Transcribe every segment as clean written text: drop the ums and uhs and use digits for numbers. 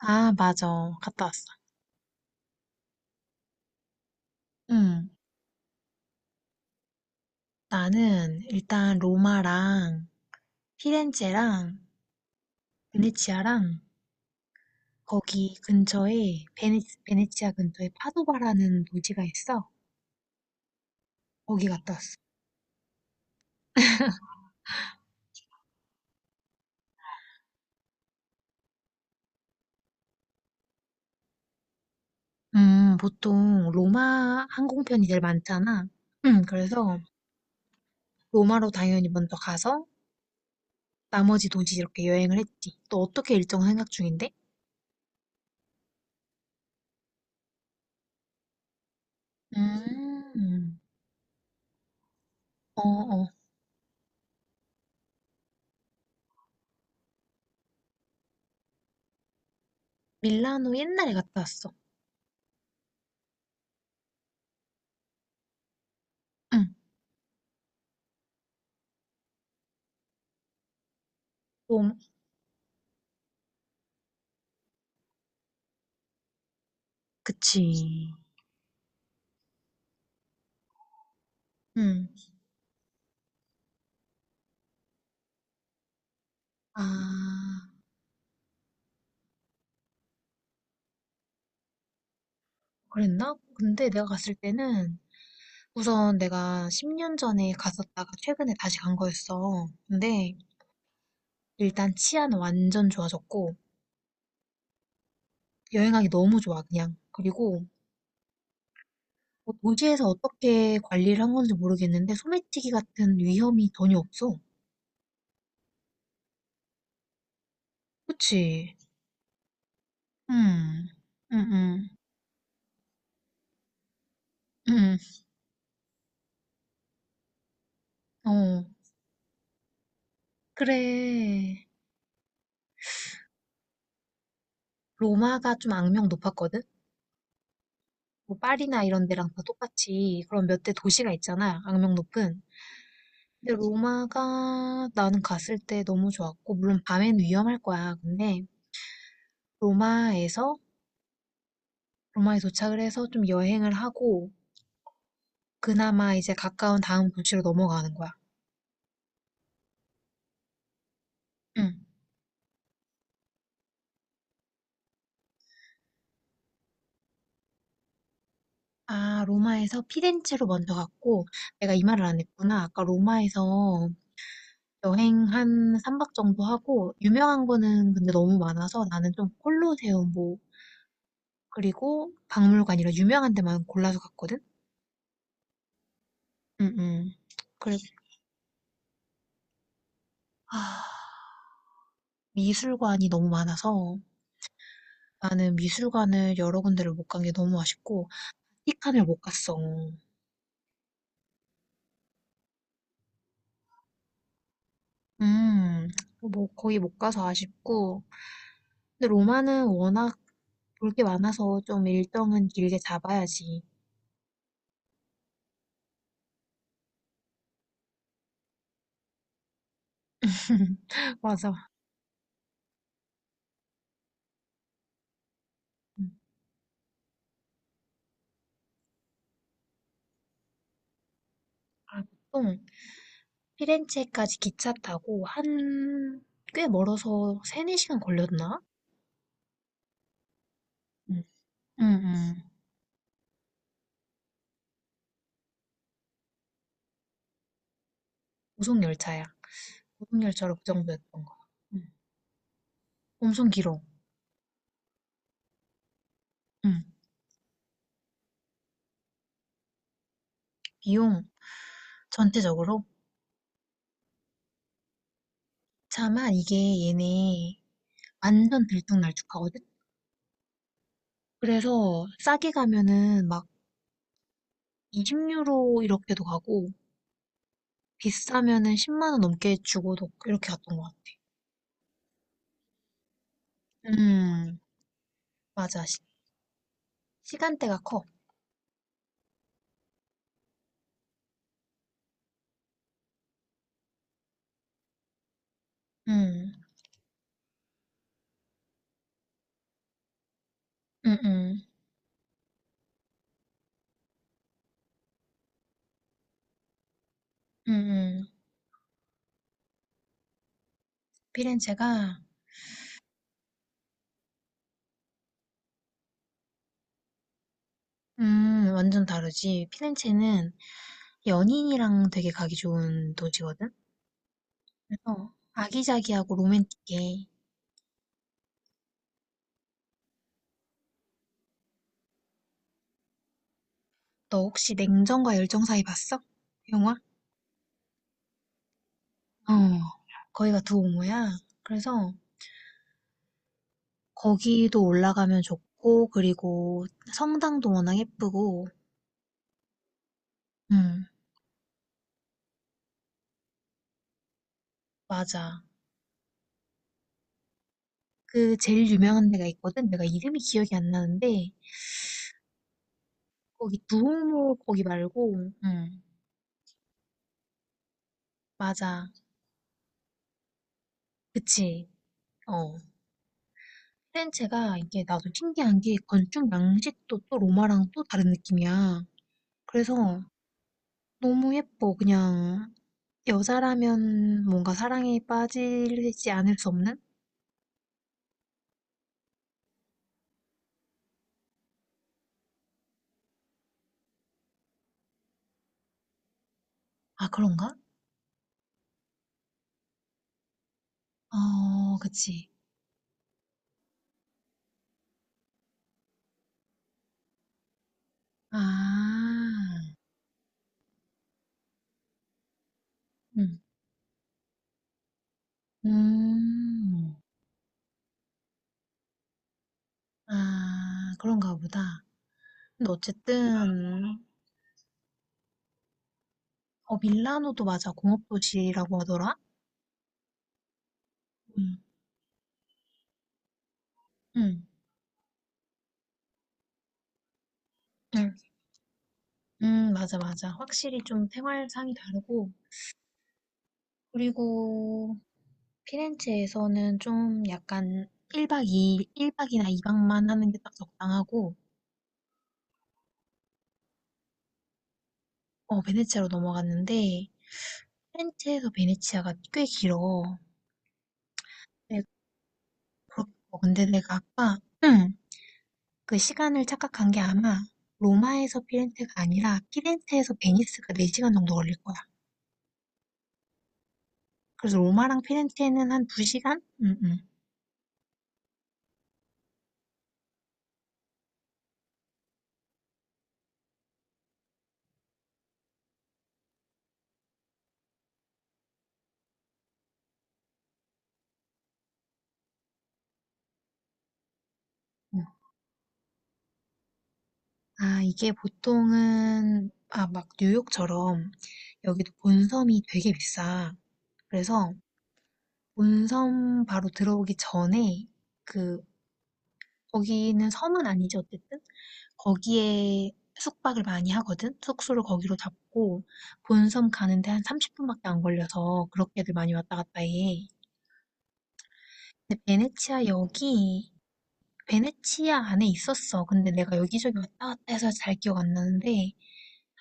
아, 맞아. 갔다 왔어. 응. 나는 일단 로마랑 피렌체랑 베네치아랑 거기 근처에 베네치아 근처에 파도바라는 도시가 있어. 거기 갔다 왔어. 보통 로마 항공편이 제일 많잖아. 그래서 로마로 당연히 먼저 가서 나머지 도시 이렇게 여행을 했지. 또 어떻게 일정 생각 중인데? 음, 어, 어. 밀라노 옛날에 갔다 왔어. 응. 롬, 그치. 음. 아, 그랬나? 근데 내가 갔을 때는 우선 내가 10년 전에 갔었다가 최근에 다시 간 거였어. 근데 일단 치안 완전 좋아졌고 여행하기 너무 좋아, 그냥. 그리고 뭐 도시에서 어떻게 관리를 한 건지 모르겠는데 소매치기 같은 위험이 전혀 없어. 그치? 음, 음, 음, 음, 어. 그래. 로마가 좀 악명 높았거든? 뭐 파리나 이런 데랑 다 똑같이 그런 몇 대 도시가 있잖아, 악명 높은. 근데 로마가 나는 갔을 때 너무 좋았고, 물론 밤엔 위험할 거야. 근데 로마에서, 로마에 도착을 해서 좀 여행을 하고, 그나마 이제 가까운 다음 도시로 넘어가는 거야. 응. 아, 로마에서 피렌체로 먼저 갔고, 내가 이 말을 안 했구나. 아까 로마에서 여행 한 3박 정도 하고, 유명한 거는 근데 너무 많아서 나는 좀 콜로세움, 뭐, 그리고 박물관이라 유명한 데만 골라서 갔거든? 응응. 그래, 아, 미술관이 너무 많아서 나는 미술관을 여러 군데를 못 간 게 너무 아쉽고, 티칸을 못 갔어. 음, 뭐 거의 못 가서 아쉽고. 근데 로마는 워낙 볼 게 많아서 좀 일정은 길게 잡아야지. 맞아. 음. 아, 보통 피렌체까지 기차 타고 한 꽤 멀어서 세네 시간 걸렸나? 응, 응, 응. 고속열차야. 고속열차로 그 정도였던 거야. 응. 엄청 길어. 음. 비용 전체적으로. 차만 이게 얘네 완전 들쭉날쭉하거든? 그래서 싸게 가면은 막 20유로 이렇게도 가고 비싸면은 10만 원 넘게 주고도 이렇게 갔던 것 같아. 음, 맞아. 시간대가 커. 음, 음, 음, 음, 음. 피렌체가. 완전 다르지. 피렌체는 연인이랑 되게 가기 좋은 도시거든? 그래서 아기자기하고 로맨틱해. 너 혹시 냉정과 열정 사이 봤어? 영화? 어, 거기가 두 오모야. 그래서 거기도 올라가면 좋고, 그리고 성당도 워낙 예쁘고. 음, 맞아. 그 제일 유명한 데가 있거든? 내가 이름이 기억이 안 나는데, 거기 두 오모 거기 말고. 음, 맞아. 그치. 어. 피렌체가 이게 나도 신기한 게 건축 양식도 또 로마랑 또 다른 느낌이야. 그래서 너무 예뻐, 그냥. 여자라면 뭔가 사랑에 빠지지 않을 수 없는? 아, 그런가? 어, 그치. 아, 음, 음, 아, 그런가 보다. 근데 어쨌든, 밀라노도 맞아. 공업도시라고 하더라? 음, 음, 음, 맞아, 맞아. 확실히 좀 생활상이 다르고, 그리고 피렌체에서는 좀 약간 1박 2일, 박이나 2박만 하는 게 딱 적당하고. 어, 베네치아로 넘어갔는데 프렌체에서 베네치아가 꽤 길어. 네, 근데 내가 아까 응, 그 시간을 착각한 게 아마 로마에서 피렌체가 아니라 피렌체에서 베니스가 4시간 정도 걸릴 거야. 그래서 로마랑 피렌체는 한 2시간? 응, 응. 응. 아, 이게 보통은 막 뉴욕처럼 여기도 본섬이 되게 비싸. 그래서 본섬 바로 들어오기 전에 그 거기는 섬은 아니지, 어쨌든. 거기에 숙박을 많이 하거든? 숙소를 거기로 잡고, 본섬 가는데 한 30분밖에 안 걸려서 그렇게들 많이 왔다 갔다 해. 근데 베네치아 역이, 베네치아 안에 있었어. 근데 내가 여기저기 왔다 갔다 해서 잘 기억 안 나는데,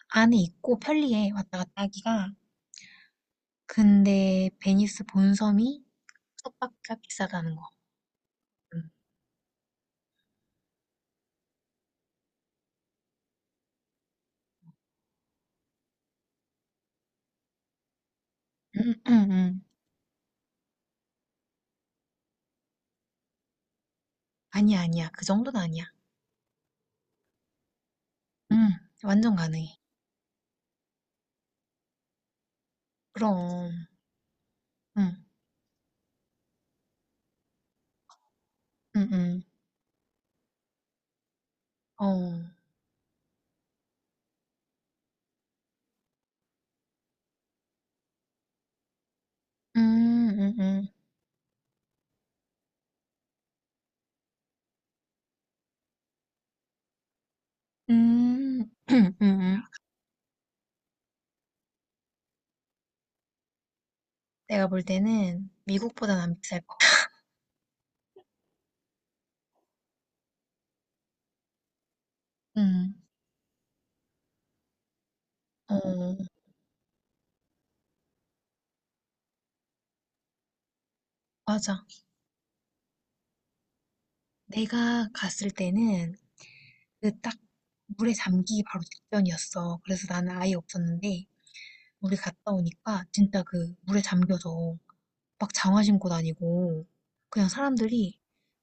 안에 있고 편리해, 왔다 갔다 하기가. 근데 베니스 본섬이 숙박비가 비싸다는 거. 음. 음, 음, 음. 아니야, 아니야. 그 정도는 아니야. 음, 완전 가능해. 그럼. 응. 응응. 어. 음. 음음. 음. 음음. 내가 볼 때는 미국보단 안 비쌀 거야. 음. 어. 맞아. 내가 갔을 때는 그 딱 물에 잠기기 바로 직전이었어. 그래서 나는 아예 없었는데 우리 갔다 오니까 진짜 그 물에 잠겨서 막 장화 신고 다니고 그냥 사람들이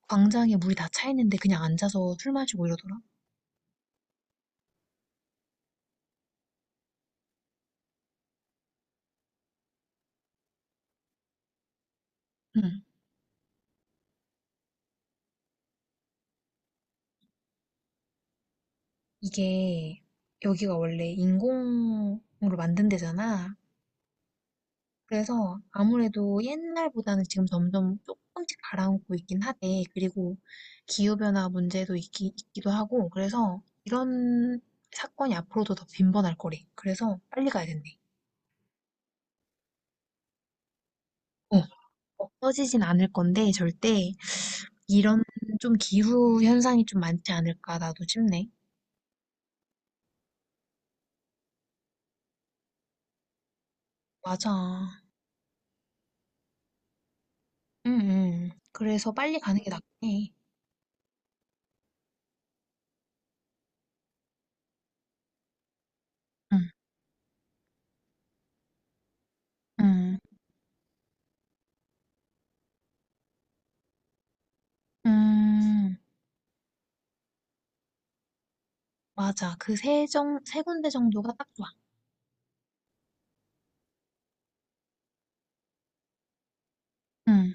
광장에 물이 다 차 있는데 그냥 앉아서 술 마시고 이러더라. 응. 이게 여기가 원래 인공으로 만든 데잖아. 그래서 아무래도 옛날보다는 지금 점점 조금씩 가라앉고 있긴 하대. 그리고 기후변화 문제도 있기도 하고. 그래서 이런 사건이 앞으로도 더 빈번할 거래. 그래서 빨리 가야 된대. 어, 없어지진 않을 건데 절대 이런 좀 기후 현상이 좀 많지 않을까 나도 싶네. 맞아. 응, 응. 그래서 빨리 가는 게 낫긴 해. 응, 응. 음. 맞아. 그 세 군데 정도가 딱 좋아. 응.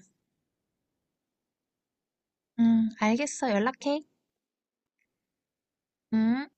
응. 알겠어. 연락해. 응.